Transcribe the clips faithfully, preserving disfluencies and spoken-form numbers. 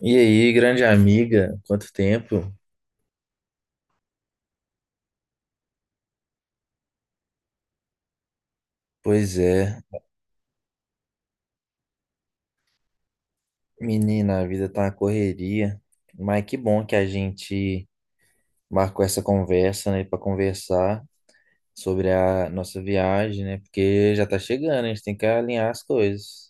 E aí, grande amiga, quanto tempo? Pois é, menina, a vida tá uma correria, mas que bom que a gente marcou essa conversa, né, para conversar sobre a nossa viagem, né, porque já tá chegando, a gente tem que alinhar as coisas.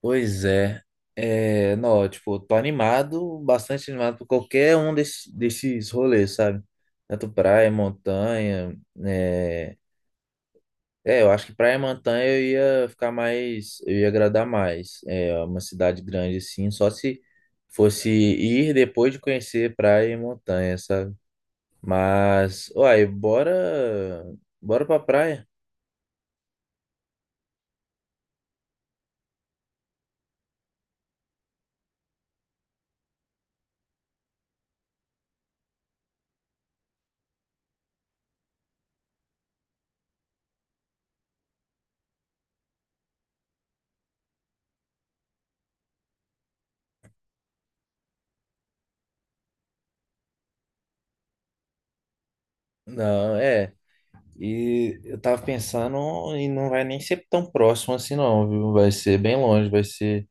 Pois é, é, não, tipo, tô animado, bastante animado por qualquer um desses, desses rolês, sabe? Tanto praia, montanha, né? É, eu acho que praia e montanha eu ia ficar mais, eu ia agradar mais. É uma cidade grande assim, só se fosse ir depois de conhecer praia e montanha, sabe? Mas, uai, bora, bora pra praia. Não, é. E eu tava pensando e não vai nem ser tão próximo assim não, viu? Vai ser bem longe, vai ser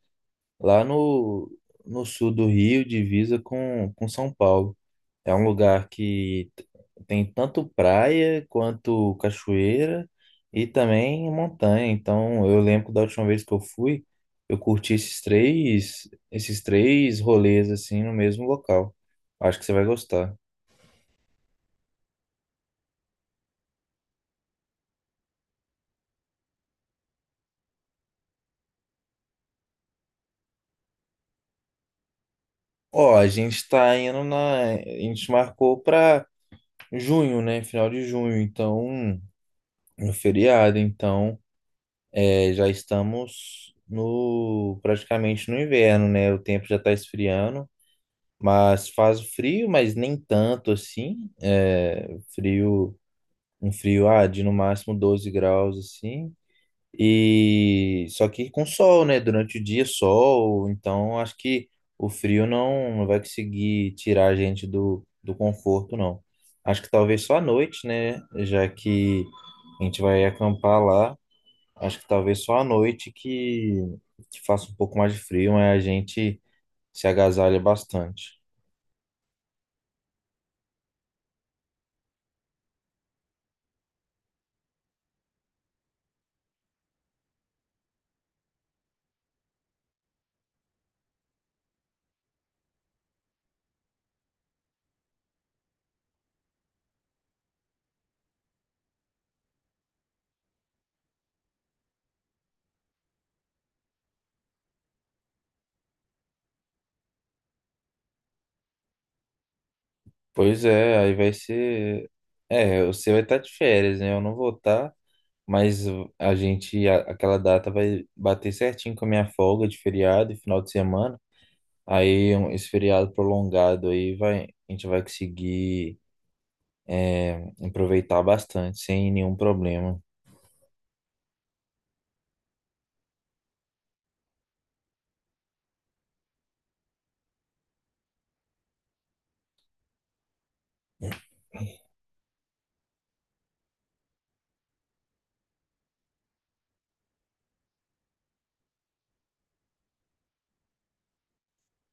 lá no, no sul do Rio, divisa com, com São Paulo. É um lugar que t- tem tanto praia quanto cachoeira e também montanha. Então, eu lembro da última vez que eu fui, eu curti esses três, esses três rolês assim no mesmo local. Acho que você vai gostar. Ó, a gente está indo na, a gente marcou para junho, né? Final de junho, então no feriado, então é, já estamos no praticamente no inverno, né? O tempo já está esfriando. Mas faz frio, mas nem tanto assim. É frio, um frio, ah, de no máximo doze graus assim. E só que com sol, né? Durante o dia, sol. Então acho que o frio não, não vai conseguir tirar a gente do, do conforto, não. Acho que talvez só à noite, né? Já que a gente vai acampar lá. Acho que talvez só à noite que, que faça um pouco mais de frio, mas a gente se agasalha bastante. Pois é, aí vai ser. É, você vai estar de férias, né? Eu não vou estar, mas a gente, a- aquela data vai bater certinho com a minha folga de feriado e final de semana. Aí um- esse feriado prolongado aí vai, a gente vai conseguir é, aproveitar bastante, sem nenhum problema.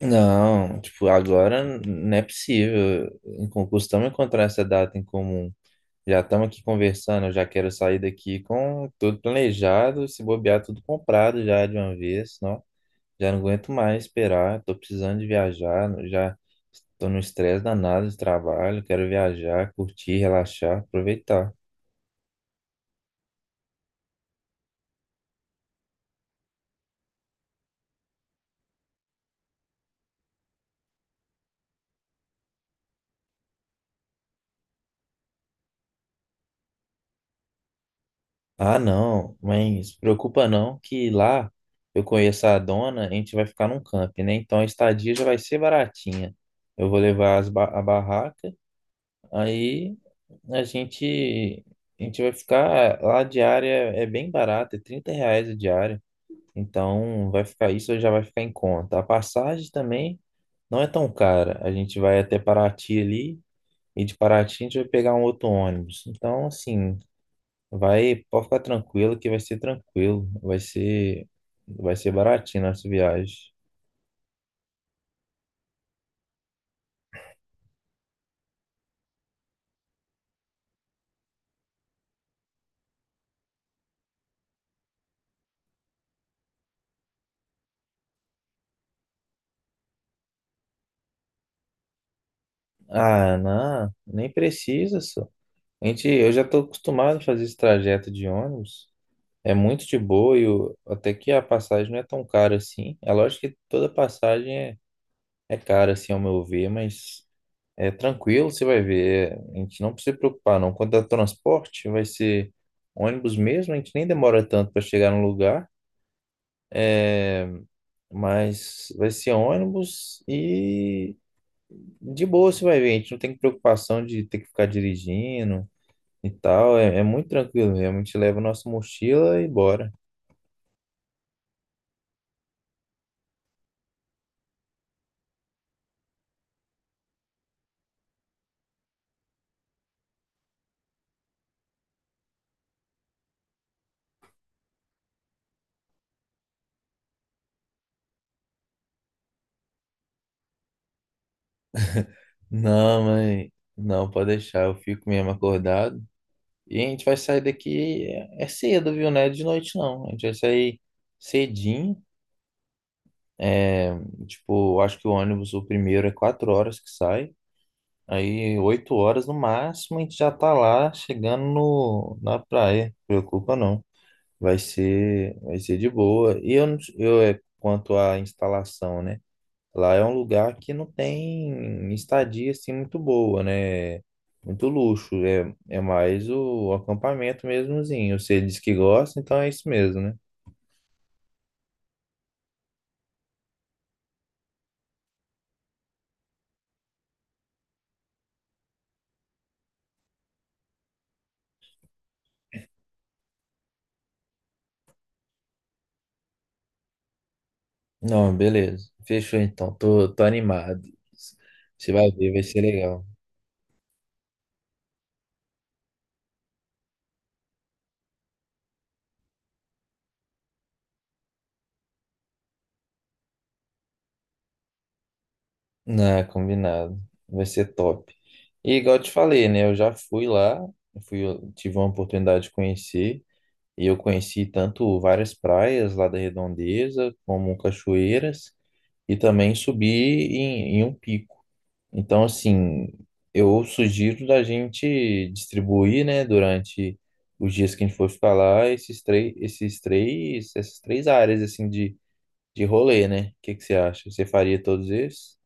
Não, tipo, agora n- não é possível em concurso, costumamos encontrar essa data em comum. Já estamos aqui conversando, eu já quero sair daqui com tudo planejado, se bobear tudo comprado já de uma vez, não? Já não aguento mais esperar, estou precisando de viajar, já estou no estresse danado de trabalho, quero viajar, curtir, relaxar, aproveitar. Ah, não, mas se preocupa não, que lá eu conheço a dona, a gente vai ficar num camping, né? Então a estadia já vai ser baratinha. Eu vou levar as ba- a barraca. Aí a gente, a gente vai ficar. Lá a diária é bem barata, é trinta reais a diária. Então vai ficar isso, já vai ficar em conta. A passagem também não é tão cara. A gente vai até Paraty ali, e de Paraty a gente vai pegar um outro ônibus. Então, assim, vai, pode ficar tranquilo que vai ser tranquilo. Vai ser, vai ser baratinho nossa viagem. Ah, não, nem precisa, só. A gente, eu já estou acostumado a fazer esse trajeto de ônibus. É muito de boa e o- até que a passagem não é tão cara assim. É lógico que toda passagem é, é cara, assim, ao meu ver, mas é tranquilo, você vai ver. É, A gente não precisa se preocupar, não. Quanto ao transporte, vai ser ônibus mesmo, a gente nem demora tanto para chegar no lugar. É, mas vai ser ônibus e de boa você vai ver. A gente não tem preocupação de ter que ficar dirigindo e tal. É, é muito tranquilo mesmo. A gente leva a nossa mochila e bora. Não, mãe, não, pode deixar, eu fico mesmo acordado. E a gente vai sair daqui é é cedo, viu? Não é de noite, não. A gente vai sair cedinho. É, tipo, acho que o ônibus, o primeiro, é quatro horas que sai. Aí, oito horas no máximo, a gente já tá lá chegando no, na praia. Não preocupa, não. Vai ser, vai ser de boa. E eu, não- eu é, quanto à instalação, né? Lá é um lugar que não tem estadia assim muito boa, né? Muito luxo. É, é mais o acampamento mesmozinho. Você diz que gosta, então é isso mesmo, né? Não, beleza. Fechou então. Tô, tô animado. Você vai ver, vai ser legal. Não, combinado. Vai ser top. E igual eu te falei, né? Eu já fui lá, fui, eu tive uma oportunidade de conhecer. E eu conheci tanto várias praias lá da Redondeza, como cachoeiras. E também subir em, em um pico. Então, assim, eu sugiro da gente distribuir, né, durante os dias que a gente for ficar lá, esses três, esses três, essas três áreas, assim, de, de rolê, né? O que que você acha? Você faria todos esses.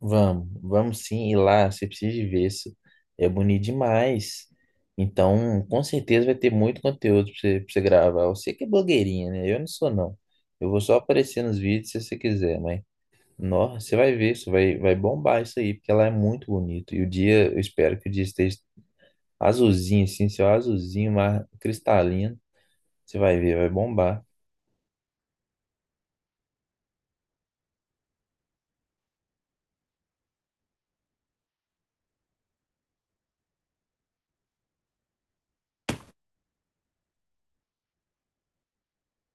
Vamos, vamos sim ir lá, você precisa de ver isso. É bonito demais. Então, com certeza vai ter muito conteúdo pra você, pra você gravar. Você que é blogueirinha, né? Eu não sou, não. Eu vou só aparecer nos vídeos se você quiser, mas nossa, você vai ver, você vai, vai bombar isso aí, porque ela é muito bonito. E o dia, eu espero que o dia esteja azulzinho, assim, seu azulzinho, mas cristalino. Você vai ver, vai bombar.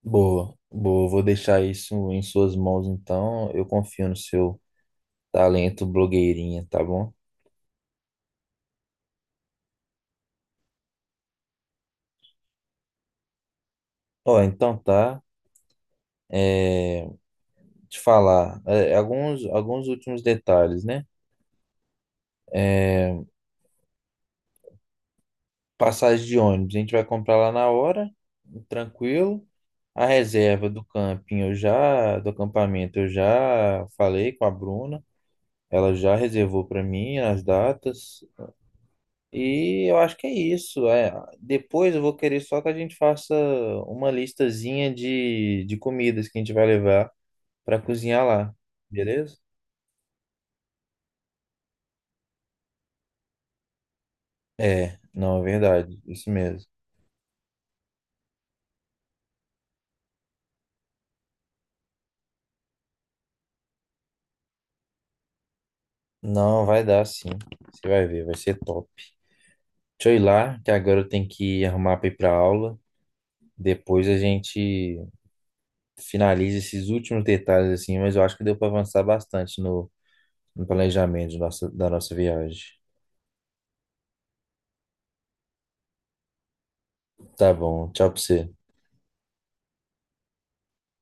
Boa, boa. Vou deixar isso em suas mãos, então. Eu confio no seu talento blogueirinha, tá bom? Ó, então tá. é, Te falar, é, alguns, alguns últimos detalhes, né? É, Passagem de ônibus, a gente vai comprar lá na hora, tranquilo. A reserva do camping, eu já, do acampamento, eu já falei com a Bruna, ela já reservou para mim as datas. E eu acho que é isso. É, depois eu vou querer só que a gente faça uma listazinha de, de comidas que a gente vai levar para cozinhar lá, beleza? É, não, é verdade, isso mesmo. Não, vai dar sim. Você vai ver, vai ser top. Deixa eu ir lá, que agora eu tenho que arrumar para ir para aula. Depois a gente finaliza esses últimos detalhes assim, mas eu acho que deu para avançar bastante no, no planejamento da nossa, da nossa viagem. Tá bom, tchau para você.